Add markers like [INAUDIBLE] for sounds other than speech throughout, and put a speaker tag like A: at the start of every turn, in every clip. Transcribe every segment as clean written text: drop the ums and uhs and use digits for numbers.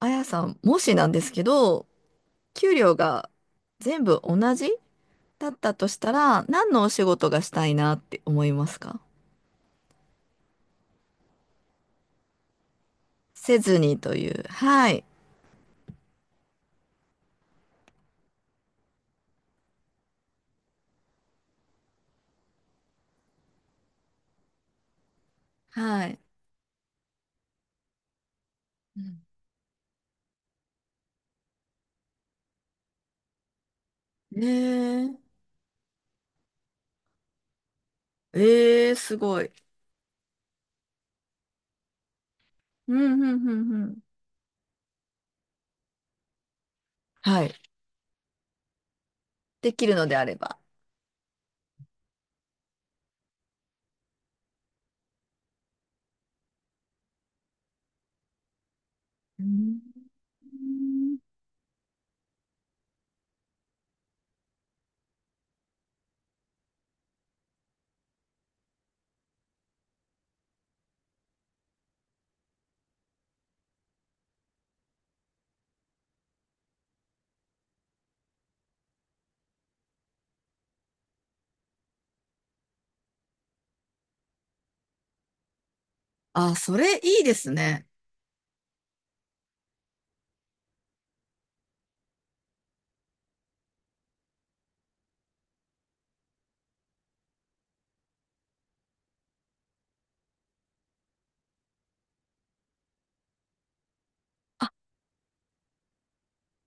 A: あやさん、もしなんですけど、給料が全部同じだったとしたら、何のお仕事がしたいなって思いますか？せずにという。はい。はい。うん。ねええ、すごい。うん、うん、うん、うん。はい。できるのであれば。うん。あ、それいいですね。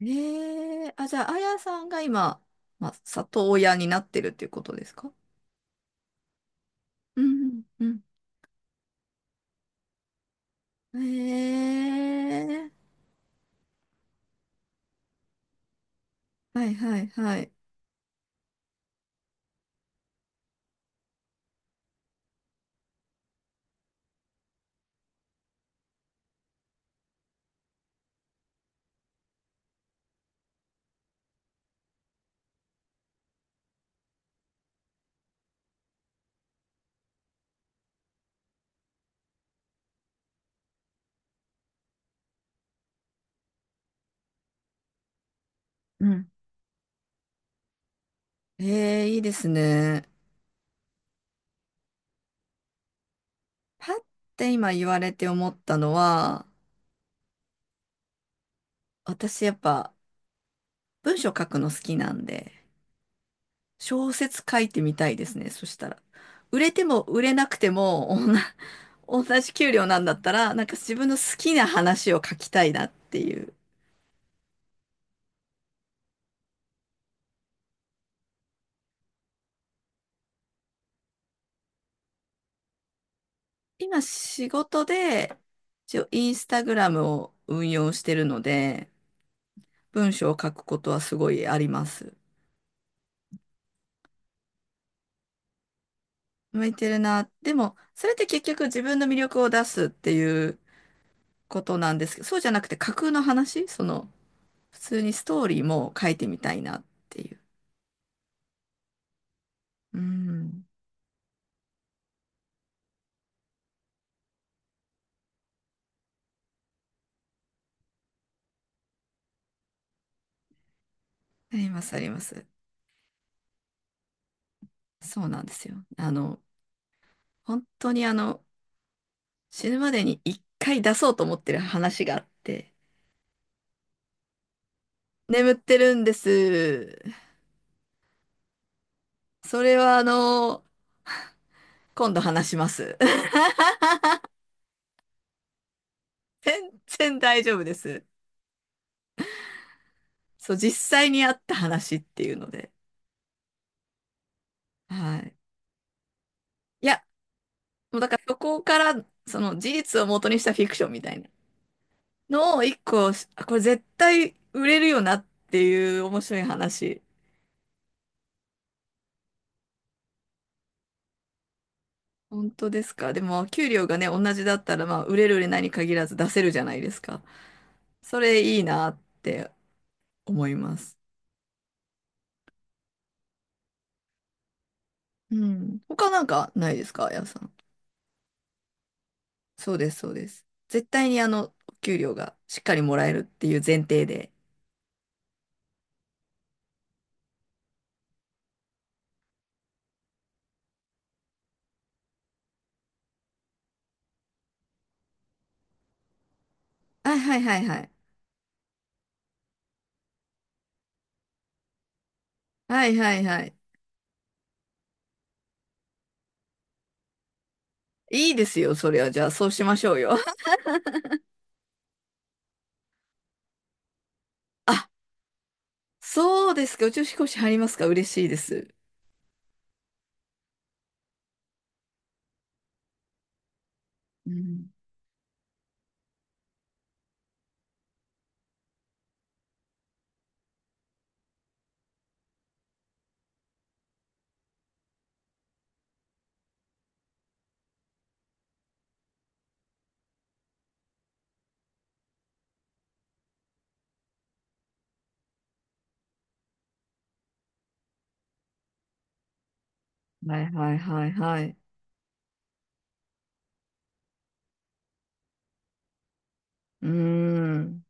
A: ええ。あ、じゃあ、あやさんが今、まあ、里親になってるっていうことですか？うん、うん、うん。ええ。はいはいはい。うん。ええ、いいですね。パッて今言われて思ったのは、私やっぱ文章書くの好きなんで、小説書いてみたいですね。そしたら。売れても売れなくても、同じ、[LAUGHS] 同じ給料なんだったら、なんか自分の好きな話を書きたいなっていう。今仕事で、一応インスタグラムを運用してるので、文章を書くことはすごいあります。向いてるな。でも、それって結局自分の魅力を出すっていうことなんですけど、そうじゃなくて架空の話、その、普通にストーリーも書いてみたいなっていう。うん。あります、あります。そうなんですよ。本当にあの、死ぬまでに一回出そうと思ってる話があって、眠ってるんです。それはあの、今度話します。[LAUGHS] 全然大丈夫です。そう、実際にあった話っていうので。はい。いや、もうだからそこからその事実を元にしたフィクションみたいなのを一個、あ、これ絶対売れるよなっていう面白い話。本当ですか。でも給料がね、同じだったらまあ売れる売れないに限らず出せるじゃないですか。それいいなって思います。うん。他なんかないですか、あやさん。そうです、そうです。絶対にあの、お給料がしっかりもらえるっていう前提で。はいはいはいはい。はいはいはい。いいですよ、それは。じゃあそうしましょうよ。[LAUGHS] そうですか。宇宙飛行士入りますか？嬉しいです。うん。はいはいはいはい。うーん。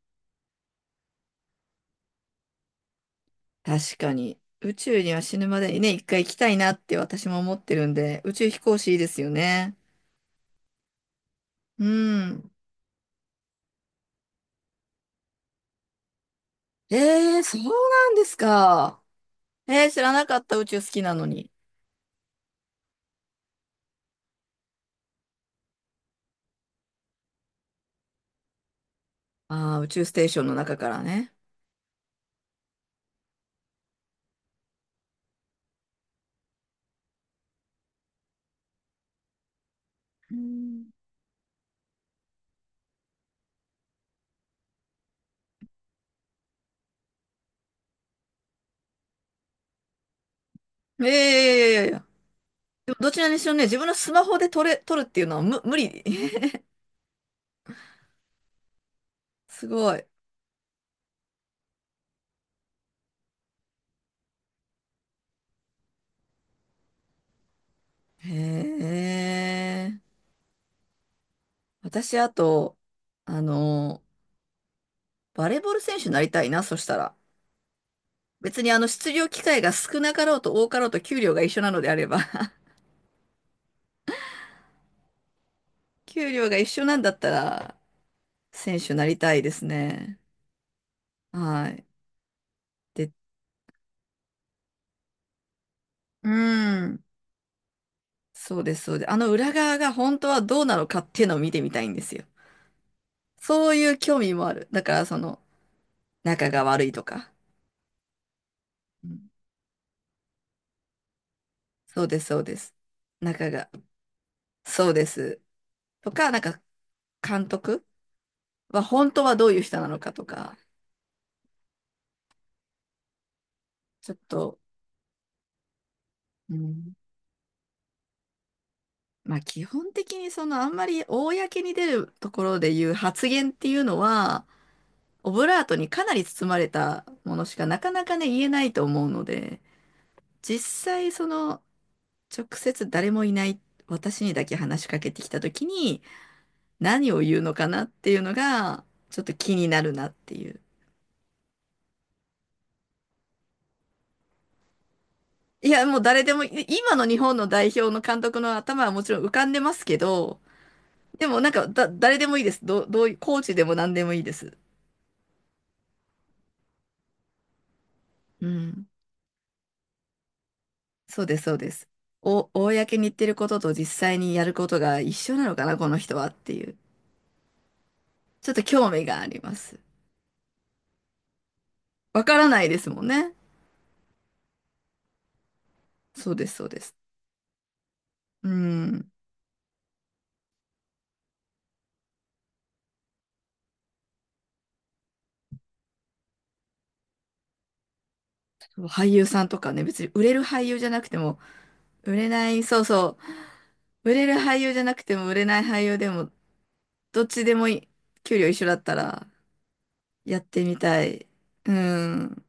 A: 確かに。宇宙には死ぬまでにね、一回行きたいなって私も思ってるんで、宇宙飛行士いいですよね。うん。えー、そうなんですか。えー、知らなかった。宇宙好きなのに。ああ、宇宙ステーションの中からね。うん。ええ、いやいやいや。でもどちらにしろね、自分のスマホで撮れ、撮るっていうのは無、無理。[LAUGHS] すごい。へえ。私、あと、あの、バレーボール選手になりたいな、そしたら。別にあの、出場機会が少なかろうと多かろうと給料が一緒なのであれば、 [LAUGHS] 給料が一緒なんだったら、選手になりたいですね。はい。で、うん。そうです、そうです。あの裏側が本当はどうなのかっていうのを見てみたいんですよ。そういう興味もある。だから、その、仲が悪いとか。うん。そうです、そうです。仲が、そうです。とか、なんか、監督は本当はどういう人なのかとか、ちょっと、うん、まあ基本的にそのあんまり公に出るところで言う発言っていうのは、オブラートにかなり包まれたものしかなかなかね言えないと思うので、実際その直接誰もいない私にだけ話しかけてきた時に何を言うのかなっていうのがちょっと気になるなっていう。いや、もう誰でも今の日本の代表の監督の頭はもちろん浮かんでますけど、でもなんか、だ、誰でもいいです。どう、どういコーチでも何でもいいです。うん。そうです、そうです。お、公に言ってることと実際にやることが一緒なのかな、この人はっていう。ちょっと興味があります。わからないですもんね。そうです、そうです。うん。俳優さんとかね、別に売れる俳優じゃなくても、売れない、そうそう。売れる俳優じゃなくても、売れない俳優でも、どっちでもいい。給料一緒だったら、やってみたい。うん。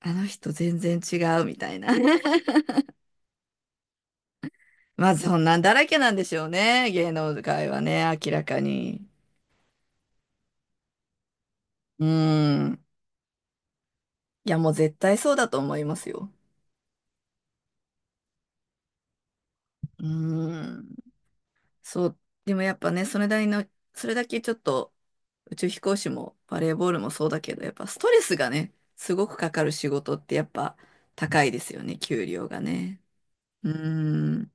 A: あの人全然違うみたいな。[LAUGHS] まあそんなんだらけなんでしょうね。芸能界はね、明らかに。うん。いや、もう絶対そうだと思いますよ。うん。そう。でもやっぱね、それなりの、それだけちょっと宇宙飛行士もバレーボールもそうだけど、やっぱストレスがね、すごくかかる仕事ってやっぱ高いですよね、給料がね。うん。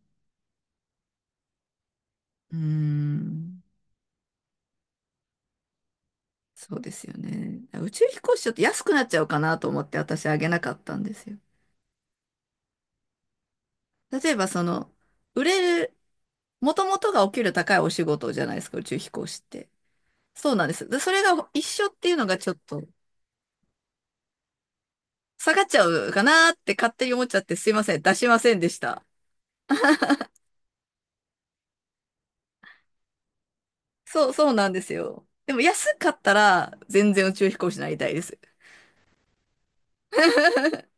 A: うん。そうですよね。宇宙飛行士ちょっと安くなっちゃうかなと思って私あげなかったんですよ。例えばその、売れる、もともとがお給料高いお仕事じゃないですか、宇宙飛行士って。そうなんです。で、それが一緒っていうのがちょっと下がっちゃうかなーって勝手に思っちゃってすいません、出しませんでした。そう、そうなんですよ。でも安かったら全然宇宙飛行士になりたいです。[LAUGHS]